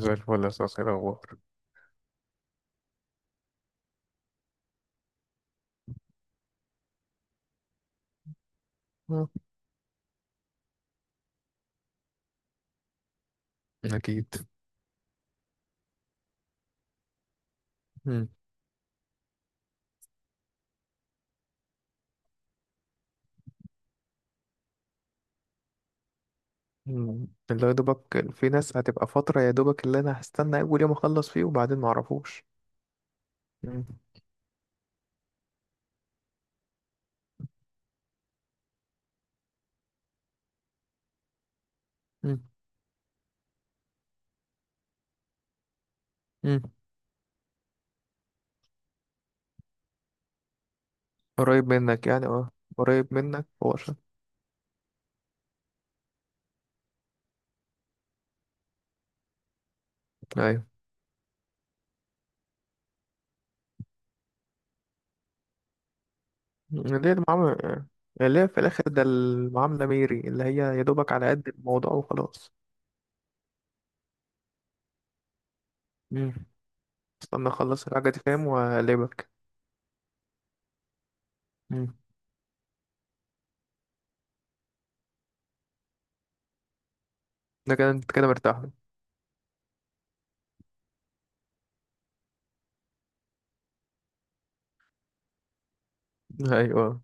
زي الفل يا صاصي. الأخبار مم. أكيد. مم. مم. اللي هو يا دوبك في ناس هتبقى فترة، يا دوبك اللي أنا هستنى أول يوم أخلص فيه وبعدين معرفوش. مم. مم. مم. قريب منك يعني أه. قريب منك هو عشان. أيوة. اللي هي المعاملة. اللي هي في الآخر ده المعاملة ميري، اللي هي يا دوبك على قد الموضوع وخلاص. مم. استنى أخلص الحاجة دي فاهم وأقلبك. مم. ده كده أنت كده مرتاح له. أيوة.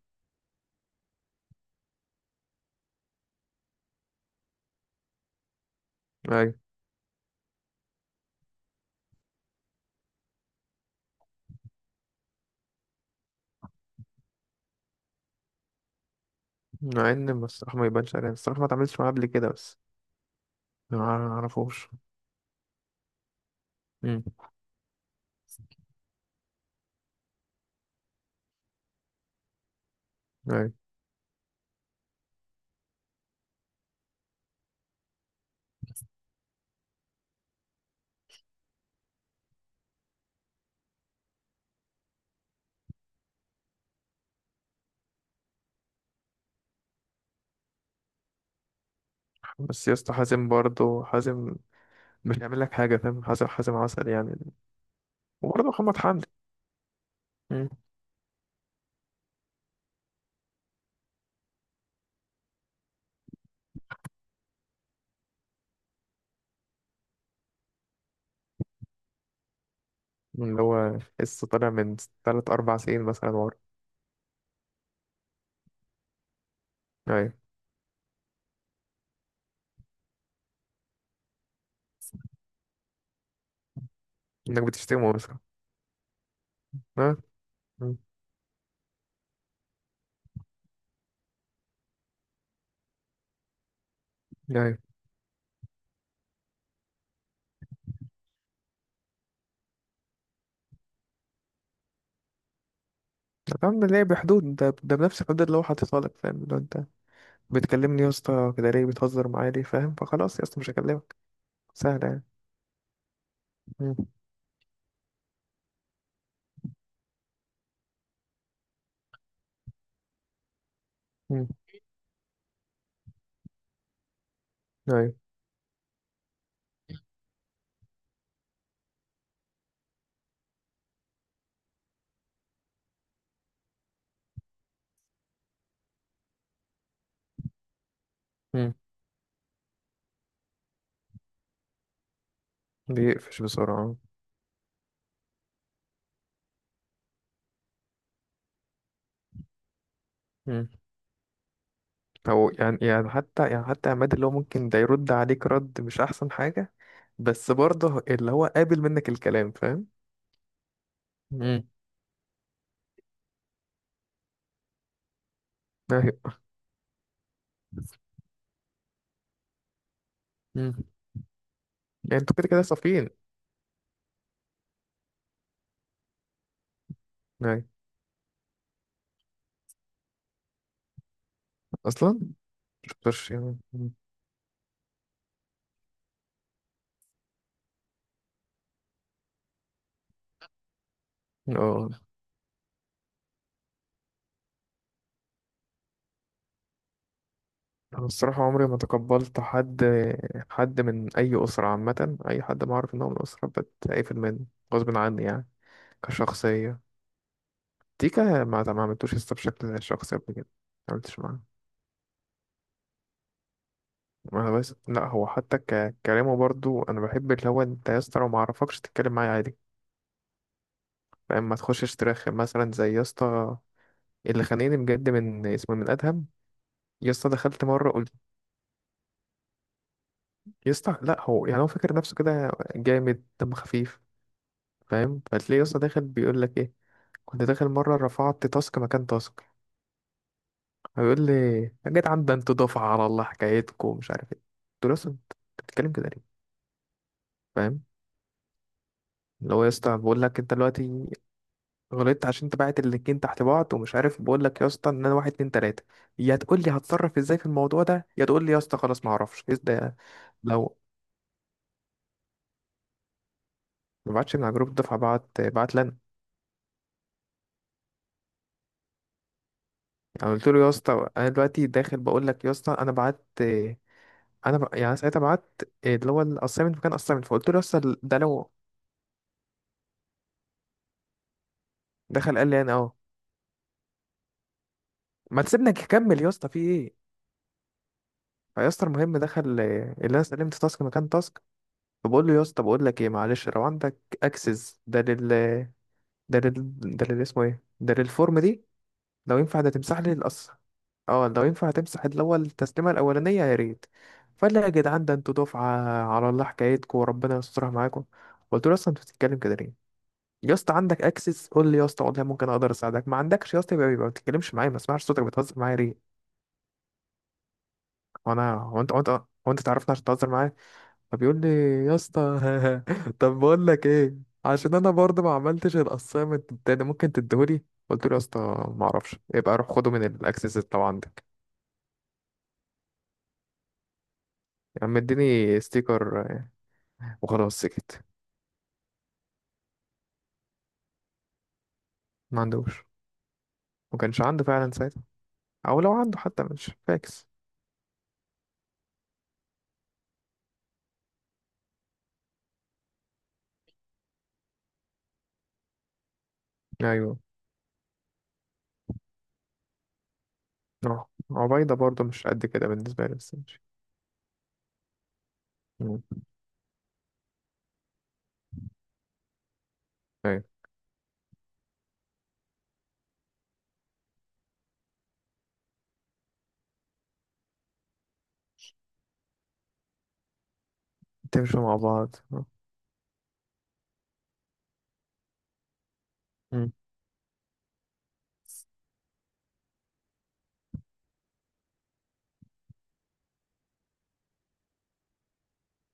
أيوه، مع إن الصراحة ما يبانش عليها، الصراحة ما اتعاملتش معاه قبل كده بس. ما اعرفوش. امم. ايوه. بس يا اسطى حازم برضه حازم مش هيعمل لك حاجه فاهم، حازم حازم عسل يعني. وبرضه محمد حمدي. امم. اللي هو لسه طالع من 3 4 سنين مثلا ورا. ايوه. انك بتشتمه مثلا. ها. مم. ايوه. فاهم ليه، بحدود ده بنفس الحدود اللي هو حاططها لك. فاهم، لو انت بتكلمني يا اسطى كده ليه بتهزر معايا ليه فاهم، فخلاص يا اسطى مش هكلمك. سهله يعني. مم. مم. ايوه. مم. بيقفش بسرعه. مم. او يعني حتى عماد، اللي هو ممكن ده يرد عليك رد مش احسن حاجة، بس برضه اللي هو قابل منك الكلام فاهم. امم. ايوه. مم. يعني انتوا كده كده صافيين يعني اصلا. مش يعني مم. اه، انا الصراحه عمري ما تقبلت حد. حد من اي اسره عامه، اي حد ما اعرف ان هو من اسره بتقفل منه غصب عني يعني. كشخصيه. تيكا ما عملتوش لسه بشكل شخصي قبل كده، ما عملتش معاه. انا بس، لا هو حتى كلامه برضو انا بحب، اللي هو انت يا اسطى لو ما اعرفكش تتكلم معايا عادي فاهم، ما تخشش ترخم مثلا زي يا اسطى اللي خانقني بجد من اسمه، من ادهم. يا اسطى دخلت مره قلت، يا اسطى لا هو يعني هو فاكر نفسه كده جامد دم خفيف فاهم، فتلاقيه يا اسطى داخل بيقول لك ايه. كنت داخل مره رفعت تاسك مكان تاسك، هيقول لي يا جدعان ده انتوا دفعه على الله حكايتكم مش عارف ايه. قلت له يا اسطى انت بتتكلم كده ليه فاهم. اللي هو يا اسطى بقول لك انت دلوقتي غلطت عشان انت باعت اللينكين تحت بعض ومش عارف، بقول لك يا اسطى ان انا واحد اتنين تلاته، يا تقول لي هتصرف ازاي في الموضوع ده، يا تقول لي يا اسطى خلاص ما اعرفش ايه ده. لو ما بعتش من على جروب الدفعه، بعت بعت لنا يعني. قلت له يا اسطى انا دلوقتي داخل بقول لك يا اسطى انا بعت. يعني ساعتها بعت اللي هو الاسايمنت مكان اسايمنت. فقلت له يا اسطى ده لو. دخل قال لي انا اه. ما تسيبنا نكمل يا اسطى في ايه. فيا اسطى المهم دخل اللي انا سلمت تاسك مكان تاسك. فبقول له يا اسطى بقول لك ايه معلش، لو عندك اكسس ده لل... ده اللي اسمه ايه، ده للفورم دي، لو ينفع ده تمسح لي القص. اه لو ينفع تمسح اللي هو التسليمه الاولانيه يا ريت. فقال لي يا جدعان ده انتوا دفعه على الله حكايتكم وربنا يسترها معاكم. قلت له اصلا انت بتتكلم كده ليه يا اسطى؟ عندك اكسس قول لي يا اسطى، والله ممكن اقدر اساعدك، ما عندكش يا اسطى يبقى ما بتتكلمش معايا، ما اسمعش صوتك، بتهزر معايا ليه. وانا هو انت تعرفني عشان تهزر معايا. فبيقول لي يا اسطى، طب بقول لك ايه، عشان انا برضه ما عملتش الاسايمنت التاني ممكن تديهولي. قلت له يا اسطى ما اعرفش، يبقى روح خده من الاكسس اللي عندك. يا عم اديني ستيكر. وخلاص سكت. ما عندوش. ما كانش عنده فعلا ساعتها، او لو عنده حتى مش فاكس. ايوه. اه عبيدة برضه مش قد كده بالنسبة لي، بس ماشي. مم. ايوه. تمشوا مع بعض آه. مم.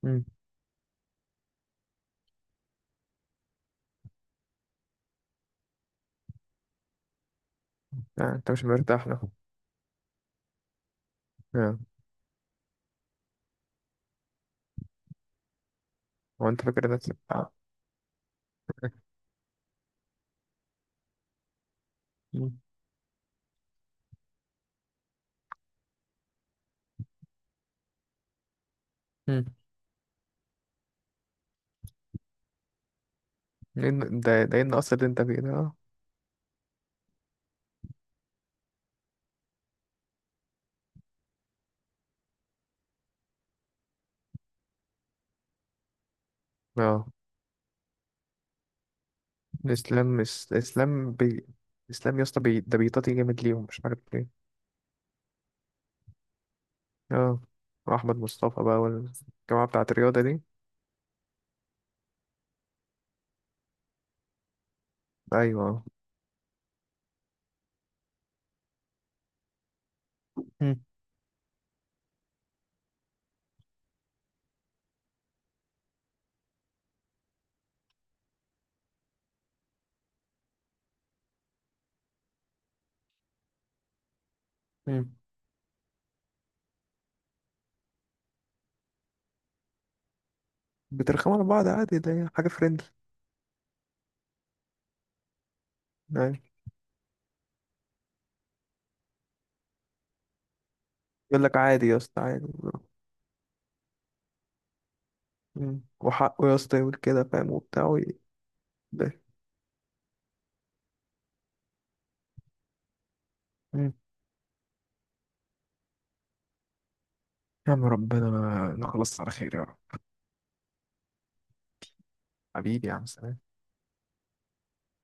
مم. آه، انت مش مرتاح له. آه. هو انت فاكر نفسك آه. مم. مم. لأن ده إيه النقص اللي أنت فيه ده أه. آه. الإسلام مش الإسلام الإسلام يا اسطى ده بيطاطي جامد ليهم مش عارف ليه. أه. وأحمد مصطفى بقى والجماعة بتاعة الرياضة دي. أيوه. هم. هم. بترخموا على بعض عادي، ده حاجة فريندلي يعني. يقول لك عادي يا اسطى عادي. هم. وحقه يا اسطى يقول كده فاهم، وبتاع ده. هم. يا عم ربنا نخلص على خير يا رب. حبيبي يا عم سلام.